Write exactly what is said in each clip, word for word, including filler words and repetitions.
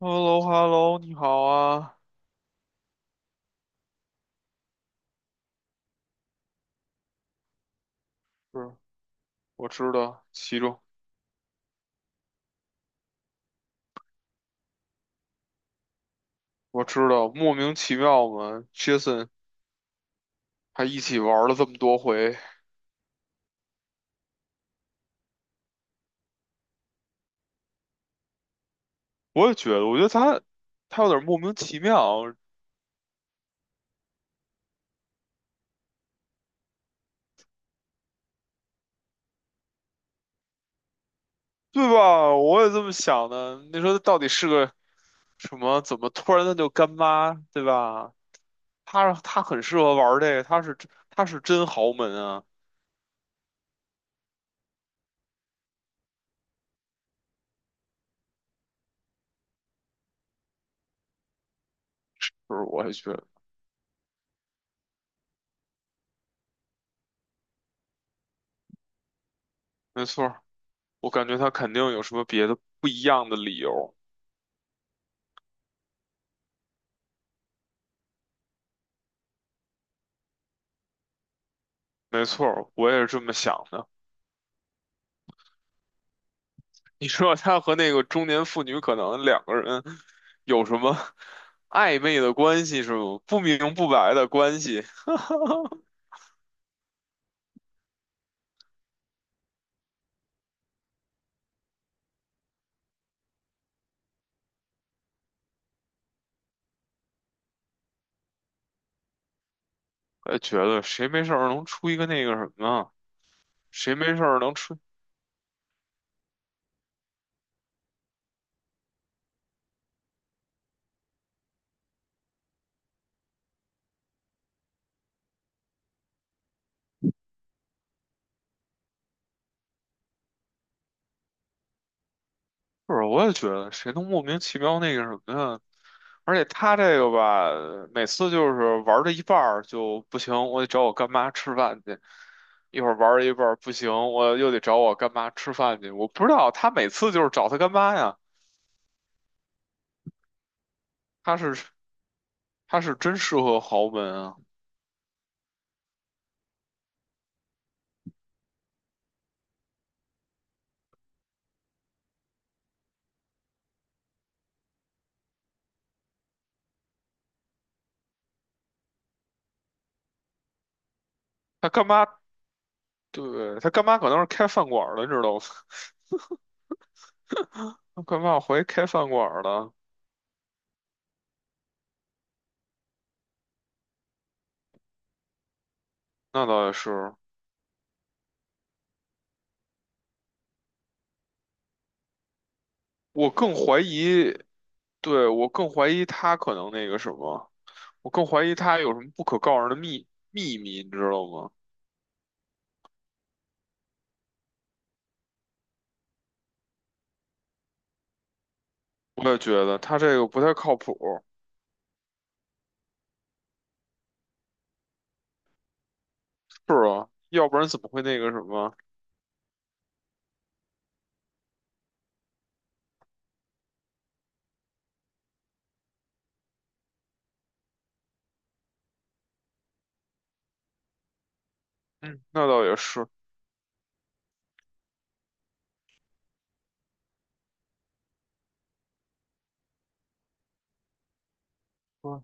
h e l l o h e l l o 你好啊。是，我知道，其中我知道，莫名其妙嘛。Jason 还一起玩了这么多回。我也觉得，我觉得他他有点莫名其妙，对吧？我也这么想的。你说他到底是个什么？怎么突然他就干妈，对吧？他他很适合玩这个，他是他是真豪门啊。就是我也觉得，没错儿，我感觉他肯定有什么别的不一样的理由。没错儿，我也是这么想的。你说他和那个中年妇女可能两个人有什么 暧昧的关系是吗？不明不白的关系。我也觉得谁没事儿能出一个那个什么啊，谁没事儿能出，不是？我也觉得谁能莫名其妙那个什么呀？而且他这个吧，每次就是玩到一半儿就不行，我得找我干妈吃饭去。一会儿玩到一半儿不行，我又得找我干妈吃饭去。我不知道他每次就是找他干妈呀，他是。他是真适合豪门啊。他干妈，对，他干妈可能是开饭馆儿的，你知道吗？他干妈怀疑开饭馆儿的，那倒也是。我更怀疑，对，我更怀疑他可能那个什么，我更怀疑他有什么不可告人的秘秘密，你知道吗？我也觉得他这个不太靠谱。是啊，要不然怎么会那个什么？嗯，那倒也是。嗯，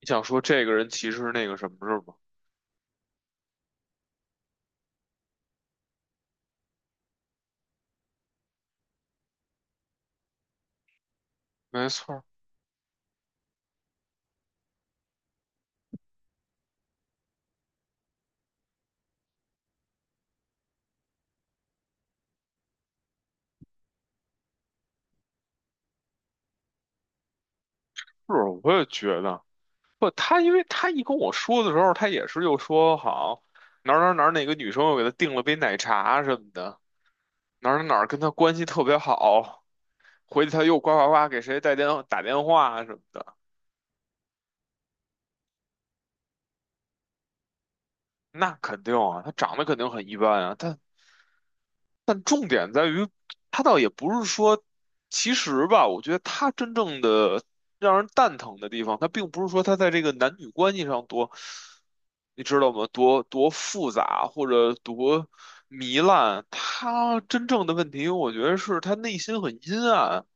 你想说这个人其实是那个什么是吧？没错儿，是，我也觉得。不，他因为他一跟我说的时候，他也是又说好哪儿哪儿哪儿哪个女生又给他订了杯奶茶什么的，哪儿哪儿哪儿跟他关系特别好，回去他又呱呱呱给谁带电打电话什么的，那肯定啊，他长得肯定很一般啊，他但重点在于，他倒也不是说，其实吧，我觉得他真正的让人蛋疼的地方，他并不是说他在这个男女关系上多，你知道吗？多多复杂或者多糜烂，他真正的问题，我觉得是他内心很阴暗，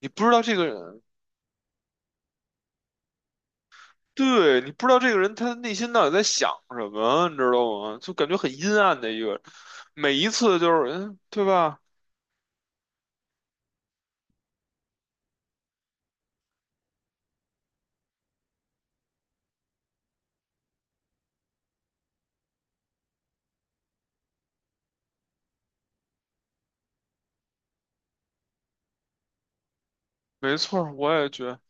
你不知道这个人，对，你不知道这个人他内心到底在想什么，你知道吗？就感觉很阴暗的一个人每一次就是，嗯，对吧？没错儿，我也觉得。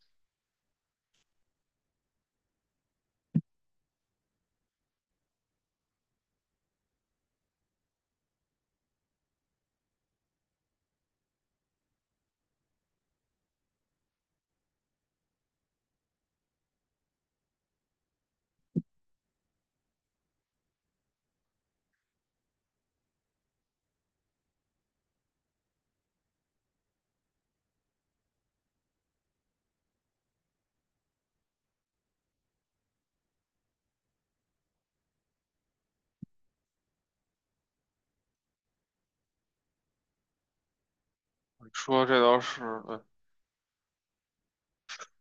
说这倒是，对，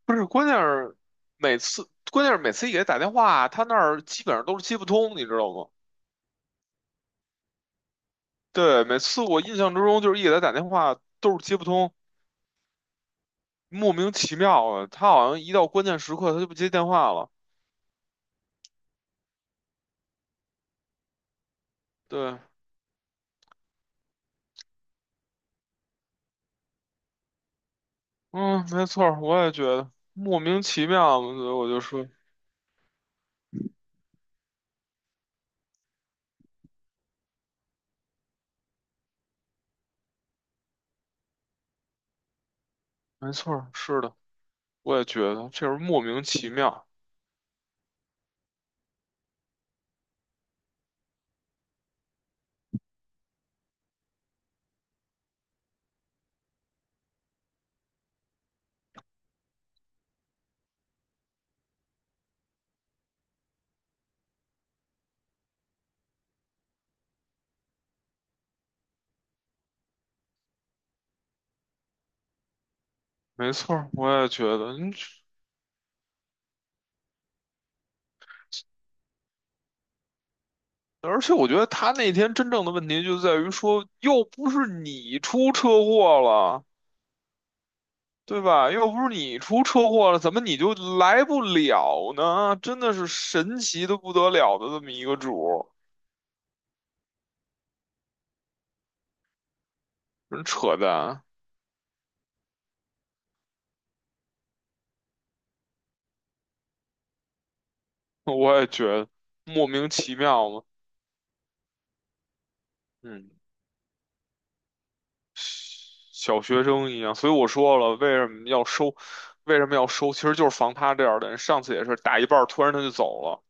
不是，关键是每次，关键是每次一给他打电话，他那儿基本上都是接不通，你知道吗？对，每次我印象之中就是一给他打电话都是接不通，莫名其妙的，他好像一到关键时刻他就不接电话了。对，嗯，没错儿，我也觉得莫名其妙，所以我就说，没错儿，是的，我也觉得这是莫名其妙，没错儿，我也觉得，嗯。而且我觉得他那天真正的问题就在于说，又不是你出车祸了，对吧？又不是你出车祸了，怎么你就来不了呢？真的是神奇的不得了的这么一个主儿，真扯淡！我也觉得莫名其妙嘛，嗯，小学生一样。所以我说了，为什么要收？为什么要收？其实就是防他这样的人。上次也是打一半儿突然他就走了，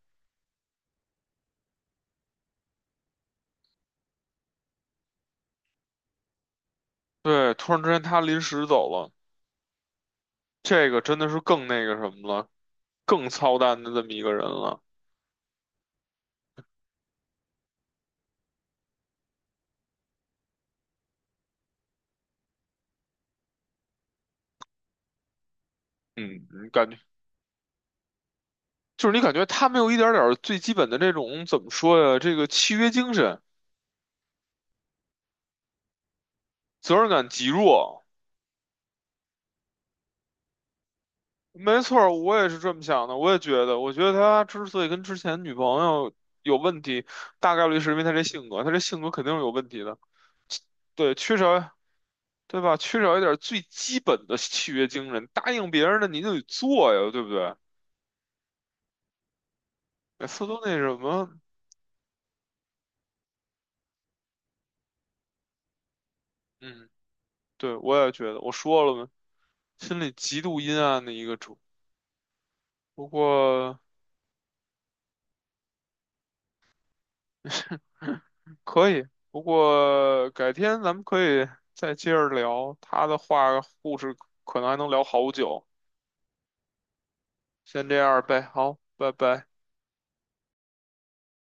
对，突然之间他临时走了。这个真的是更那个什么了，更操蛋的这么一个人了。嗯，你感觉就是你感觉他没有一点点儿最基本的这种怎么说呀？这个契约精神、责任感极弱。没错儿，我也是这么想的。我也觉得，我觉得他之所以跟之前女朋友有问题，大概率是因为他这性格，他这性格肯定是有问题的。对，缺少，对吧？缺少一点最基本的契约精神，答应别人的你就得做呀，对不对？每次都那什么，嗯。对，我也觉得，我说了嘛，心里极度阴暗的一个主。不过可以，不过改天咱们可以再接着聊他的话，故事可能还能聊好久。先这样呗，好，拜拜。